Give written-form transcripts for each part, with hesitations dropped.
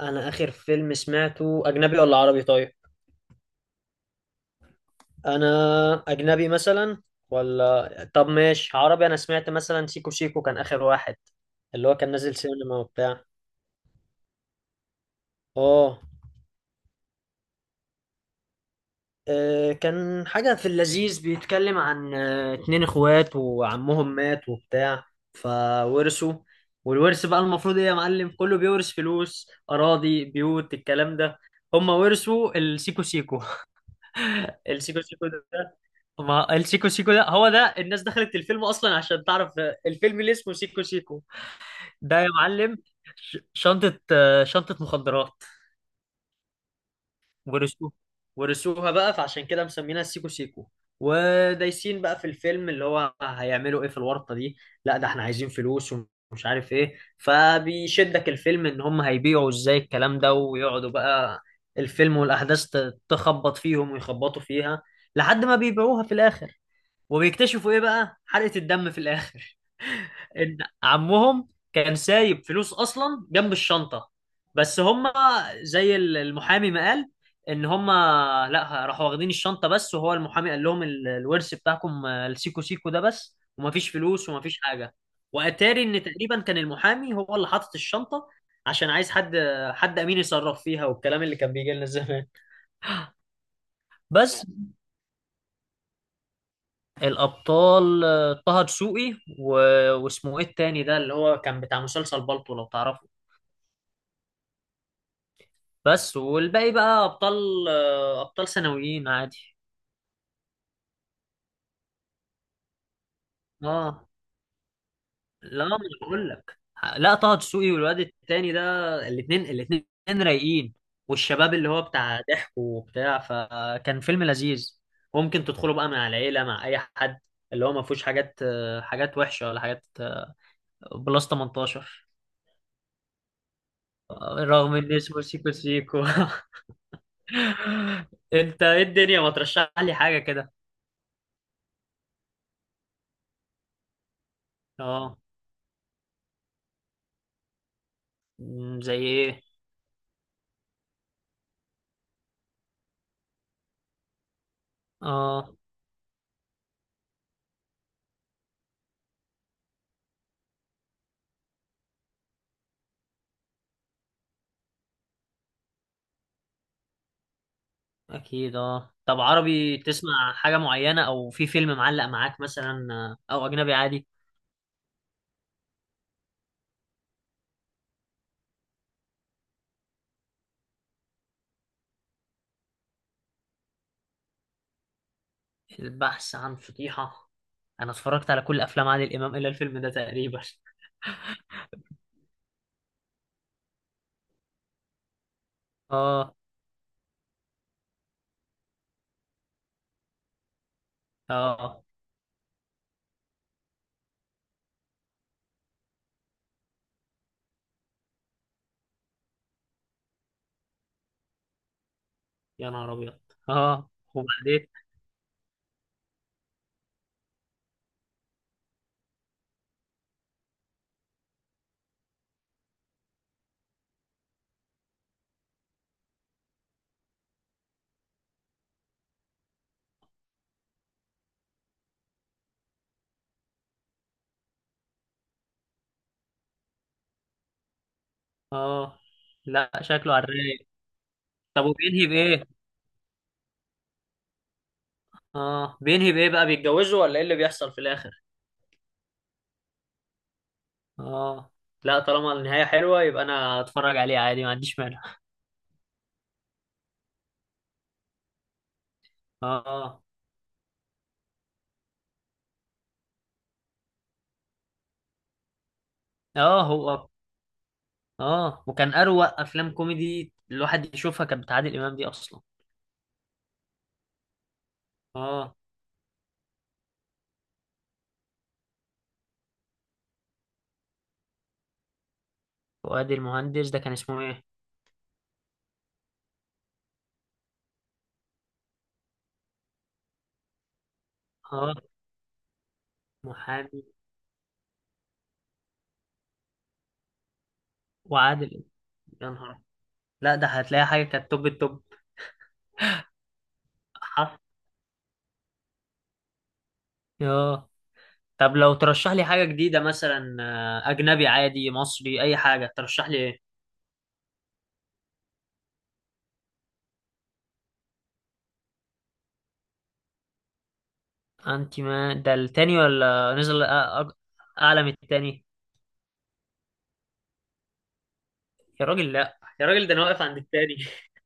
انا اخر فيلم سمعته اجنبي ولا عربي؟ طيب انا اجنبي مثلا، ولا طب ماشي عربي. انا سمعت مثلا سيكو سيكو، كان اخر واحد اللي هو كان نازل سينما وبتاع. اه. كان حاجة في اللذيذ، بيتكلم عن اتنين اخوات وعمهم مات وبتاع فورثوا. والورث بقى المفروض ايه يا معلم، كله بيورث فلوس اراضي بيوت الكلام ده. هما ورثوا السيكو سيكو. السيكو سيكو ده، ما السيكو سيكو ده هو ده الناس دخلت الفيلم اصلا عشان تعرف الفيلم اللي اسمه سيكو سيكو. ده يا معلم شنطة، شنطة مخدرات. ورثوها. ورثوها بقى فعشان كده مسمينها سيكو سيكو. ودايسين بقى في الفيلم، اللي هو هيعملوا ايه في الورطة دي؟ لا ده احنا عايزين فلوس ومش عارف ايه، فبيشدك الفيلم ان هم هيبيعوا ازاي الكلام ده، ويقعدوا بقى الفيلم والاحداث تخبط فيهم ويخبطوا فيها لحد ما بيبيعوها في الاخر. وبيكتشفوا ايه بقى، حلقة الدم في الاخر ان عمهم كان سايب فلوس اصلا جنب الشنطة. بس هما، زي المحامي ما قال، ان هما لا، راحوا واخدين الشنطة بس، وهو المحامي قال لهم الورث بتاعكم السيكو سيكو ده بس، ومفيش فلوس ومفيش حاجة. واتاري ان تقريبا كان المحامي هو اللي حاطط الشنطة، عشان عايز حد، حد امين يصرف فيها، والكلام اللي كان بيجي لنا زمان. بس الأبطال طه دسوقي واسمه إيه التاني ده، اللي هو كان بتاع مسلسل بالطو لو تعرفه، بس. والباقي بقى أبطال أبطال ثانويين عادي. آه، لا ما أنا بقول لك، لا طه دسوقي والواد التاني ده، الاتنين الاتنين رايقين، والشباب اللي هو بتاع ضحك وبتاع، فكان فيلم لذيذ. ممكن تدخله بقى مع العيلة مع أي حد، اللي هو ما فيهوش حاجات حاجات وحشة ولا حاجات بلس 18. رغم ان اسمه سيكو سيكو انت ايه الدنيا، ما ترشح لي حاجة كده. اه. زي ايه؟ اه اكيد. اه طب عربي، تسمع حاجة معينة او في فيلم معلق معاك مثلا، او اجنبي عادي؟ البحث عن فضيحة، انا اتفرجت على كل افلام عادل امام الا الفيلم ده تقريبا اه. اه. يا نهار ابيض. اه وبعدين؟ اه، لا شكله على الرايق. طب وبينهي بايه؟ اه بينهي بايه بقى، بيتجوزوا ولا ايه اللي بيحصل في الاخر؟ اه. لا طالما النهاية حلوة يبقى انا اتفرج عليه عادي، ما عنديش مانع. اه. اه هو. اه وكان اروق افلام كوميدي الواحد يشوفها كانت بتاع عادل امام دي اصلا. اه. فؤاد المهندس ده كان اسمه ايه؟ اه. محامي. وعادل، يا نهار، لا ده هتلاقي حاجة كانت توب التوب. حرف. اه طب لو ترشح لي حاجة جديدة مثلا، اجنبي عادي مصري اي حاجة، ترشح لي ايه؟ انت ما ده التاني، ولا نزل اعلى من التاني؟ يا راجل، لا يا راجل، ده انا واقف عند التاني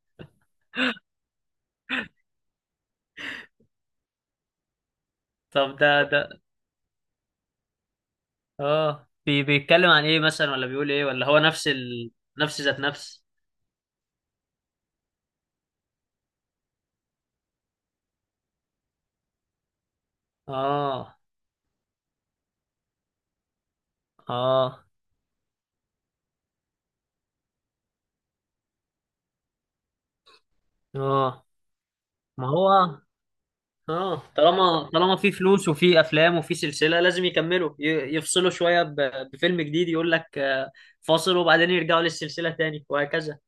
طب ده اه، بي بيتكلم عن ايه مثلا، ولا بيقول ايه، ولا هو نفس ال... نفس ذات نفس؟ اه اه اه، ما هو اه، طالما في فلوس وفي افلام وفي سلسله لازم يكملوا، يفصلوا شويه ب... بفيلم جديد، يقول لك فاصل وبعدين يرجعوا للسلسله تاني وهكذا.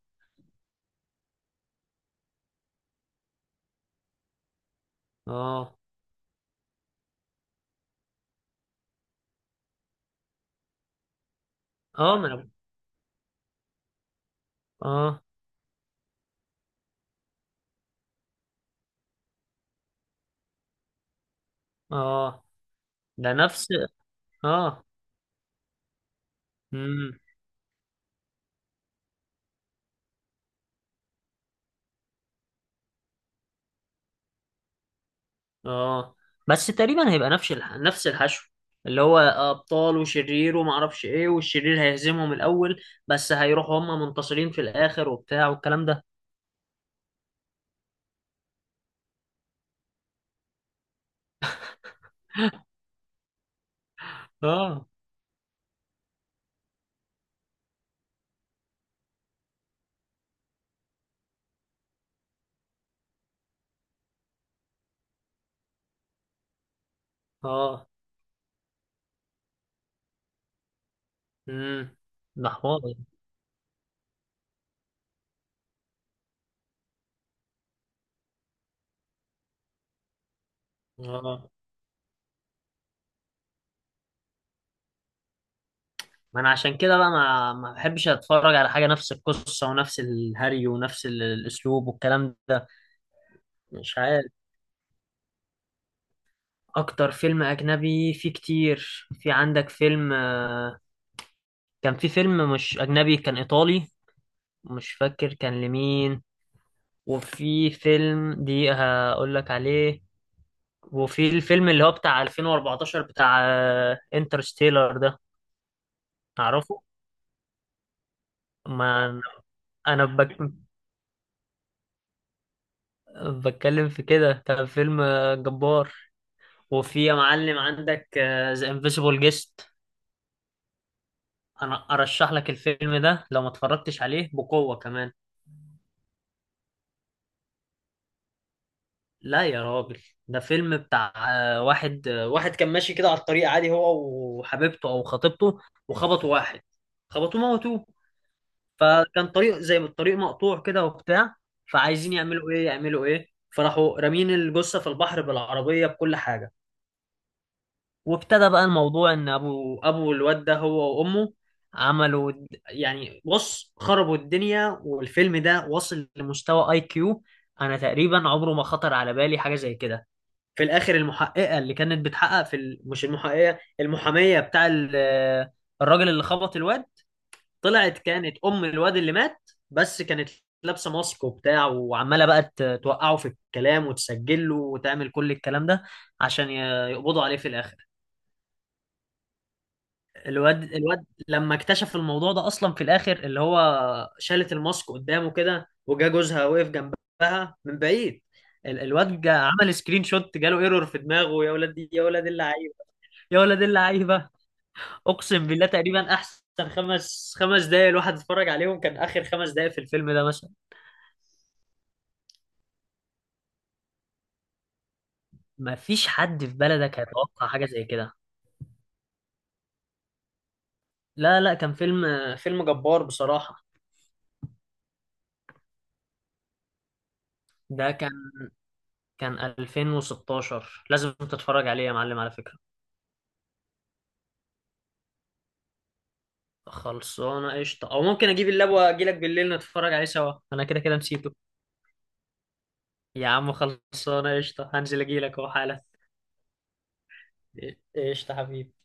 اه. اه ما انا. اه اه. ده نفس. اه. مم. اه بس تقريبا هيبقى نفس الح... نفس الحشو، اللي هو ابطال وشرير وما اعرفش ايه، والشرير هيهزمهم الاول بس هيروحوا هم منتصرين في الاخر وبتاع والكلام ده. اه. اه. امم. ده حوار. اه ما انا عشان كده بقى ما بحبش اتفرج على حاجه نفس القصه ونفس الهري ونفس الاسلوب والكلام ده. مش عارف. اكتر فيلم اجنبي فيه كتير، في عندك فيلم، كان في فيلم مش اجنبي، كان ايطالي، مش فاكر كان لمين. وفي فيلم دي هقول لك عليه، وفي الفيلم اللي هو بتاع 2014 بتاع انترستيلر ده، تعرفه؟ ما انا، أنا بك... بتكلم في كده، كان فيلم جبار. وفي يا معلم عندك ذا انفيسيبل جيست، انا ارشح لك الفيلم ده لو ما اتفرجتش عليه بقوة كمان. لا يا راجل، ده فيلم بتاع واحد واحد كان ماشي كده على الطريق عادي هو وحبيبته او خطيبته، وخبطوا واحد. خبطوه موتوه، فكان طريق زي ما الطريق مقطوع كده وبتاع، فعايزين يعملوا ايه يعملوا ايه، فراحوا رامين الجثه في البحر بالعربيه بكل حاجه. وابتدى بقى الموضوع ان ابو الواد ده هو وامه عملوا يعني بص خربوا الدنيا، والفيلم ده وصل لمستوى IQ، انا تقريبا عمره ما خطر على بالي حاجه زي كده. في الاخر المحققه اللي كانت بتحقق في ال... مش المحققه، المحاميه بتاع ال... الراجل اللي خبط الواد، طلعت كانت ام الواد اللي مات. بس كانت لابسه ماسك وبتاع، وعماله بقى توقعه في الكلام وتسجل له وتعمل كل الكلام ده، عشان يقبضوا عليه في الاخر. الواد لما اكتشف الموضوع ده اصلا في الاخر اللي هو شالت الماسك قدامه كده، وجا جوزها وقف جنبها من بعيد. الواد جا عمل سكرين شوت، جاله ايرور في دماغه. يا ولاد يا ولاد اللعيبه. يا ولاد اللعيبه. اقسم بالله تقريبا احسن خمس دقايق الواحد اتفرج عليهم، كان اخر 5 دقايق في الفيلم ده مثلا. ما فيش حد في بلدك هيتوقع حاجه زي كده. لا لا، كان فيلم، فيلم جبار بصراحه. ده كان 2016. لازم تتفرج عليه يا معلم على فكره. خلصانه قشطه، او ممكن اجيب اللاب واجي لك بالليل نتفرج عليه سوا، انا كده كده نسيته. يا عم خلصانه قشطه، هنزل اجي لك اهو حالا. قشطه حبيبي.